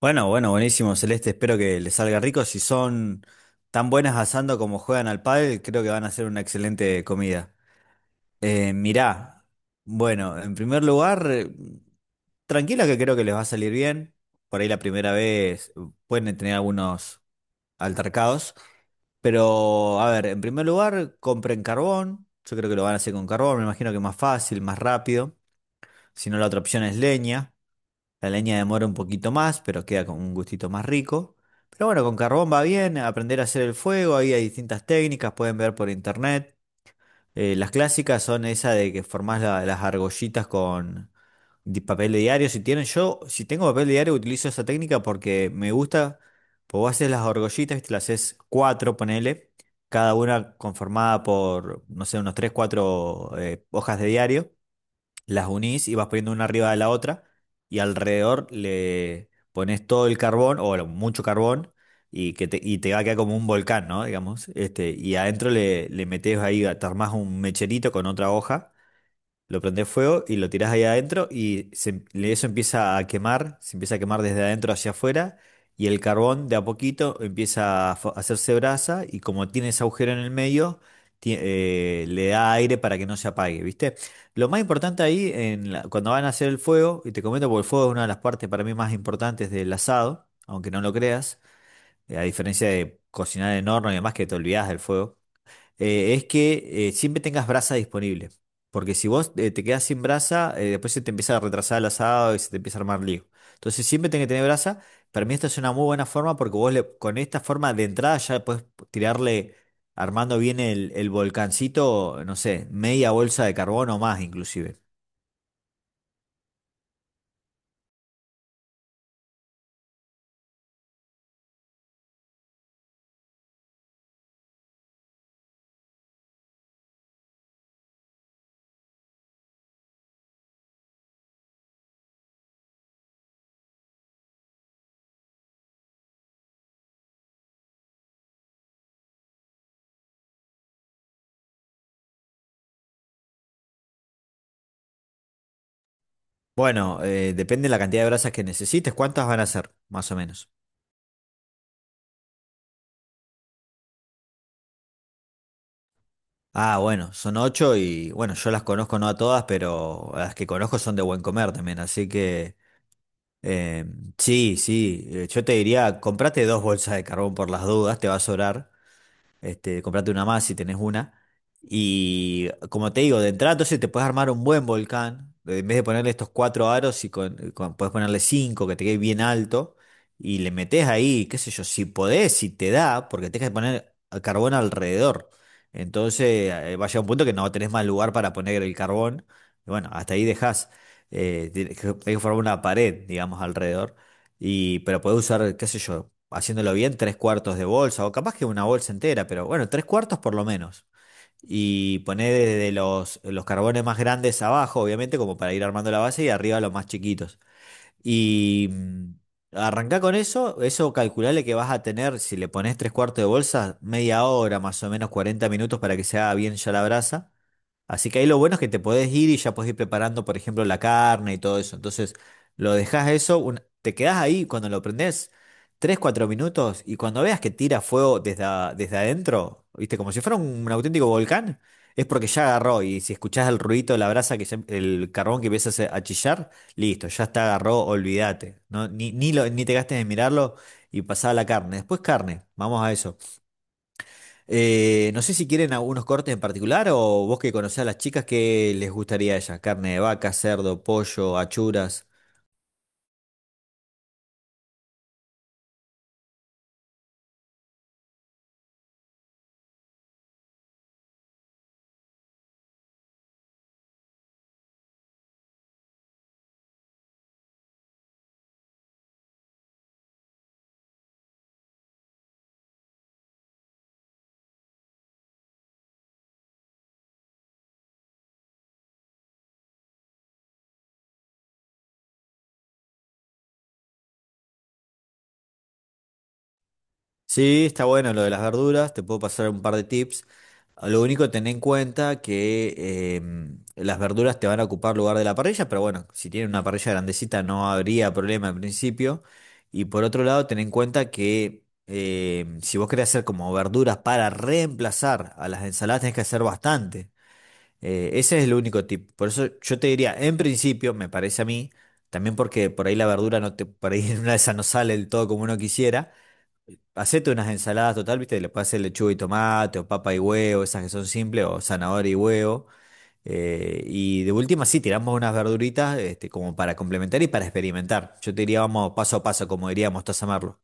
Bueno, bueno, buenísimo, Celeste. Espero que les salga rico. Si son tan buenas asando como juegan al pádel, creo que van a hacer una excelente comida. Mirá, bueno, en primer lugar, tranquila que creo que les va a salir bien. Por ahí la primera vez pueden tener algunos altercados. Pero, a ver, en primer lugar, compren carbón. Yo creo que lo van a hacer con carbón. Me imagino que más fácil, más rápido. Si no, la otra opción es leña. La leña demora un poquito más, pero queda con un gustito más rico. Pero bueno, con carbón va bien, aprender a hacer el fuego, ahí hay distintas técnicas, pueden ver por internet. Las clásicas son esa de que formás las argollitas con papel de diario. Si tienen, yo, si tengo papel de diario, utilizo esa técnica porque me gusta, pues vos haces las argollitas, te las haces cuatro, ponele, cada una conformada por, no sé, unos tres, cuatro hojas de diario, las unís y vas poniendo una arriba de la otra, y alrededor le pones todo el carbón o bueno, mucho carbón, y y te va a quedar como un volcán, ¿no? Digamos, este, y adentro le metes ahí, te armás un mecherito con otra hoja, lo prendes fuego y lo tirás ahí adentro y eso empieza a quemar, se empieza a quemar desde adentro hacia afuera, y el carbón de a poquito empieza a hacerse brasa, y como tiene ese agujero en el medio, le da aire para que no se apague, ¿viste? Lo más importante ahí, en cuando van a hacer el fuego, y te comento porque el fuego es una de las partes para mí más importantes del asado, aunque no lo creas, a diferencia de cocinar en horno y demás que te olvidás del fuego, es que siempre tengas brasa disponible. Porque si vos te quedás sin brasa, después se te empieza a retrasar el asado y se te empieza a armar lío. Entonces siempre tenés que tener brasa. Para mí esta es una muy buena forma porque con esta forma de entrada ya puedes tirarle armando bien el volcancito, no sé, media bolsa de carbón o más inclusive. Bueno, depende de la cantidad de brasas que necesites. ¿Cuántas van a ser, más o menos? Ah, bueno, son ocho, y bueno, yo las conozco no a todas, pero las que conozco son de buen comer también, así que... Eh, sí, sí, yo te diría, comprate dos bolsas de carbón por las dudas, te va a sobrar, este, comprate una más si tenés una. Y como te digo, de entrada entonces te puedes armar un buen volcán. En vez de ponerle estos cuatro aros, y con, puedes ponerle cinco, que te quede bien alto, y le metes ahí, qué sé yo, si podés, si te da, porque tenés que poner carbón alrededor. Entonces va a llegar un punto que no tenés más lugar para poner el carbón. Y bueno, hasta ahí dejás. Tenés que formar una pared, digamos, alrededor. Y, pero podés usar, qué sé yo, haciéndolo bien, tres cuartos de bolsa, o capaz que una bolsa entera, pero bueno, tres cuartos por lo menos. Y poner desde los carbones más grandes abajo, obviamente, como para ir armando la base, y arriba los más chiquitos. Y arrancá con eso, eso calculale que vas a tener, si le pones tres cuartos de bolsa, media hora, más o menos 40 minutos para que se haga bien ya la brasa. Así que ahí lo bueno es que te podés ir y ya podés ir preparando, por ejemplo, la carne y todo eso. Entonces, lo dejás eso, te quedás ahí cuando lo prendés 3, 4 minutos, y cuando veas que tira fuego desde, desde adentro, ¿viste? Como si fuera un auténtico volcán, es porque ya agarró, y si escuchás el ruido de la brasa, que el carbón que empieza a chillar, listo, ya está, agarró, olvídate, ¿no? Ni te gastes en mirarlo y pasá a la carne. Después carne, vamos a eso. No sé si quieren algunos cortes en particular o vos que conocés a las chicas, ¿qué les gustaría a ellas? Carne de vaca, cerdo, pollo, achuras. Sí, está bueno lo de las verduras, te puedo pasar un par de tips. Lo único, ten en cuenta que las verduras te van a ocupar lugar de la parrilla, pero bueno, si tienen una parrilla grandecita no habría problema en principio. Y por otro lado, ten en cuenta que si vos querés hacer como verduras para reemplazar a las ensaladas, tenés que hacer bastante. Ese es el único tip. Por eso yo te diría, en principio, me parece a mí, también porque por ahí la verdura no te, por ahí en una de esas no sale del todo como uno quisiera. Hacete unas ensaladas total, ¿viste? Le puedes hacer lechuga y tomate, o papa y huevo, esas que son simples, o zanahoria y huevo. Y de última, sí, tiramos unas verduritas, este, como para complementar y para experimentar. Yo te diría, vamos paso a paso, como diría Mostaza Merlo.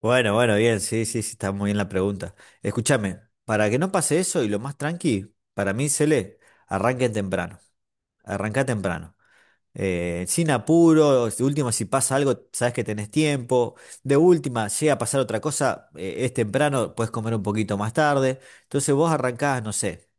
Bueno, bueno, bien, sí, sí, sí, está muy bien la pregunta. Escúchame, para que no pase eso y lo más tranqui, para mí, Cele, arranquen temprano. Arranca temprano. Sin apuro, de última, si pasa algo, sabes que tenés tiempo. De última, llega a pasar otra cosa, es temprano, puedes comer un poquito más tarde. Entonces vos arrancás, no sé.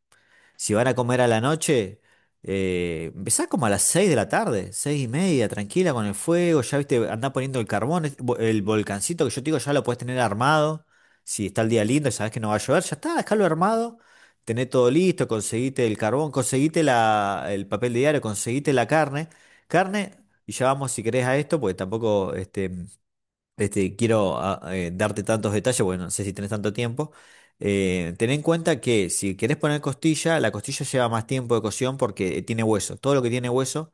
Si van a comer a la noche, empezá como a las 6 de la tarde, 6:30, tranquila con el fuego, ya viste, andá poniendo el carbón, el volcancito que yo te digo, ya lo podés tener armado. Si está el día lindo y sabés que no va a llover, ya está, dejalo armado, tené todo listo, conseguite el carbón, conseguite la, el papel diario, conseguite la carne, carne, y ya vamos si querés a esto, porque tampoco este, quiero darte tantos detalles, bueno, no sé si tenés tanto tiempo. Ten en cuenta que si querés poner costilla, la costilla lleva más tiempo de cocción porque tiene hueso. Todo lo que tiene hueso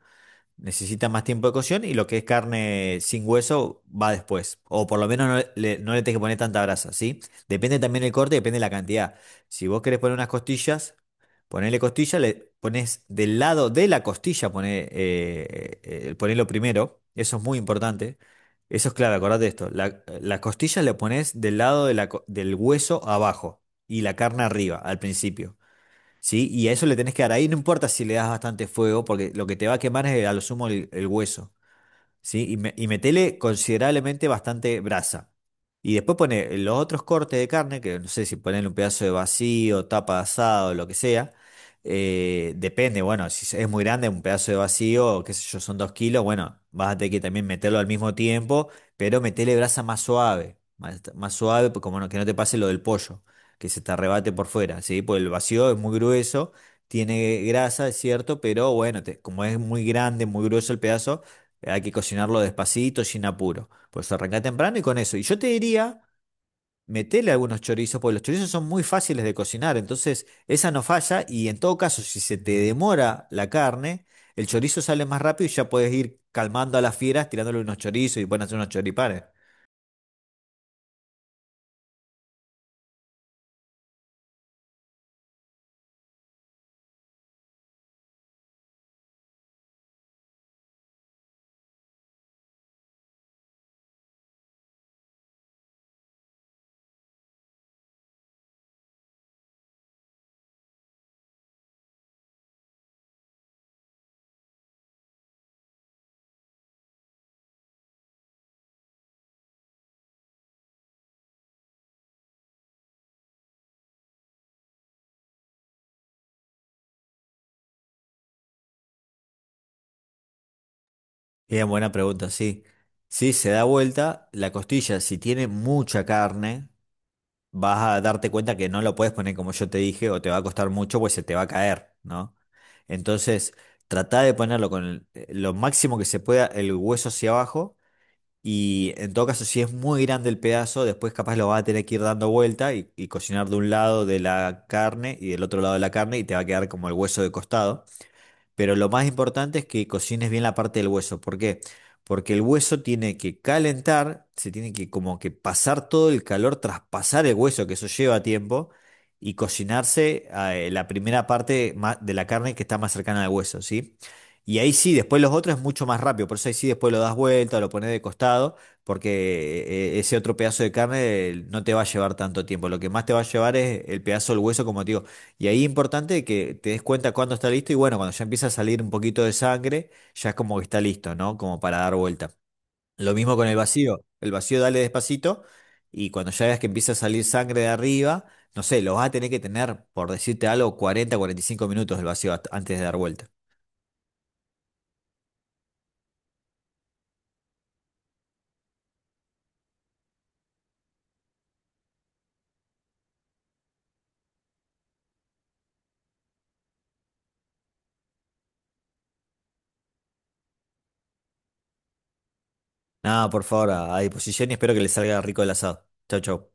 necesita más tiempo de cocción, y lo que es carne sin hueso va después. O por lo menos no le tenés que poner tanta grasa, ¿sí? Depende también el corte, depende de la cantidad. Si vos querés poner unas costillas, ponele costilla, le pones del lado de la costilla, poné, ponelo primero. Eso es muy importante. Eso es clave, acordate de esto. Las costillas le pones del lado de del hueso abajo y la carne arriba, al principio. ¿Sí? Y a eso le tenés que dar ahí, no importa si le das bastante fuego, porque lo que te va a quemar es a lo sumo el hueso. ¿Sí? Y y metele considerablemente bastante brasa. Y después pone los otros cortes de carne, que no sé si ponen un pedazo de vacío, tapa de asado, lo que sea. Depende, bueno, si es muy grande, un pedazo de vacío, qué sé yo, son 2 kilos, bueno, vas a tener que también meterlo al mismo tiempo, pero metele brasa más suave, más, más suave, pues como no- que no te pase lo del pollo, que se te arrebate por fuera, ¿sí? Porque el vacío es muy grueso, tiene grasa, es cierto, pero bueno, como es muy grande, muy grueso el pedazo, hay que cocinarlo despacito, sin apuro. Por eso arrancá temprano y con eso. Y yo te diría, metele algunos chorizos, porque los chorizos son muy fáciles de cocinar. Entonces, esa no falla. Y en todo caso, si se te demora la carne, el chorizo sale más rápido, y ya puedes ir calmando a las fieras tirándole unos chorizos, y pueden hacer unos choripanes. Bien, buena pregunta, sí. Si se da vuelta, la costilla, si tiene mucha carne, vas a darte cuenta que no lo puedes poner como yo te dije, o te va a costar mucho, pues se te va a caer, ¿no? Entonces, trata de ponerlo con lo máximo que se pueda el hueso hacia abajo. Y en todo caso, si es muy grande el pedazo, después capaz lo vas a tener que ir dando vuelta, y cocinar de un lado de la carne y del otro lado de la carne, y te va a quedar como el hueso de costado. Pero lo más importante es que cocines bien la parte del hueso. ¿Por qué? Porque el hueso tiene que calentar, se tiene que como que pasar todo el calor, traspasar el hueso, que eso lleva tiempo, y cocinarse la primera parte de la carne que está más cercana al hueso, ¿sí? Y ahí sí, después los otros es mucho más rápido, por eso ahí sí después lo das vuelta, lo pones de costado, porque ese otro pedazo de carne no te va a llevar tanto tiempo. Lo que más te va a llevar es el pedazo del hueso, como te digo, y ahí es importante que te des cuenta cuándo está listo, y bueno, cuando ya empieza a salir un poquito de sangre, ya es como que está listo, ¿no? Como para dar vuelta. Lo mismo con el vacío. El vacío dale despacito, y cuando ya veas que empieza a salir sangre de arriba, no sé, lo vas a tener que tener, por decirte algo, 40 45 minutos el vacío antes de dar vuelta. Nada, por favor, a disposición, y espero que les salga rico el asado. Chau, chau.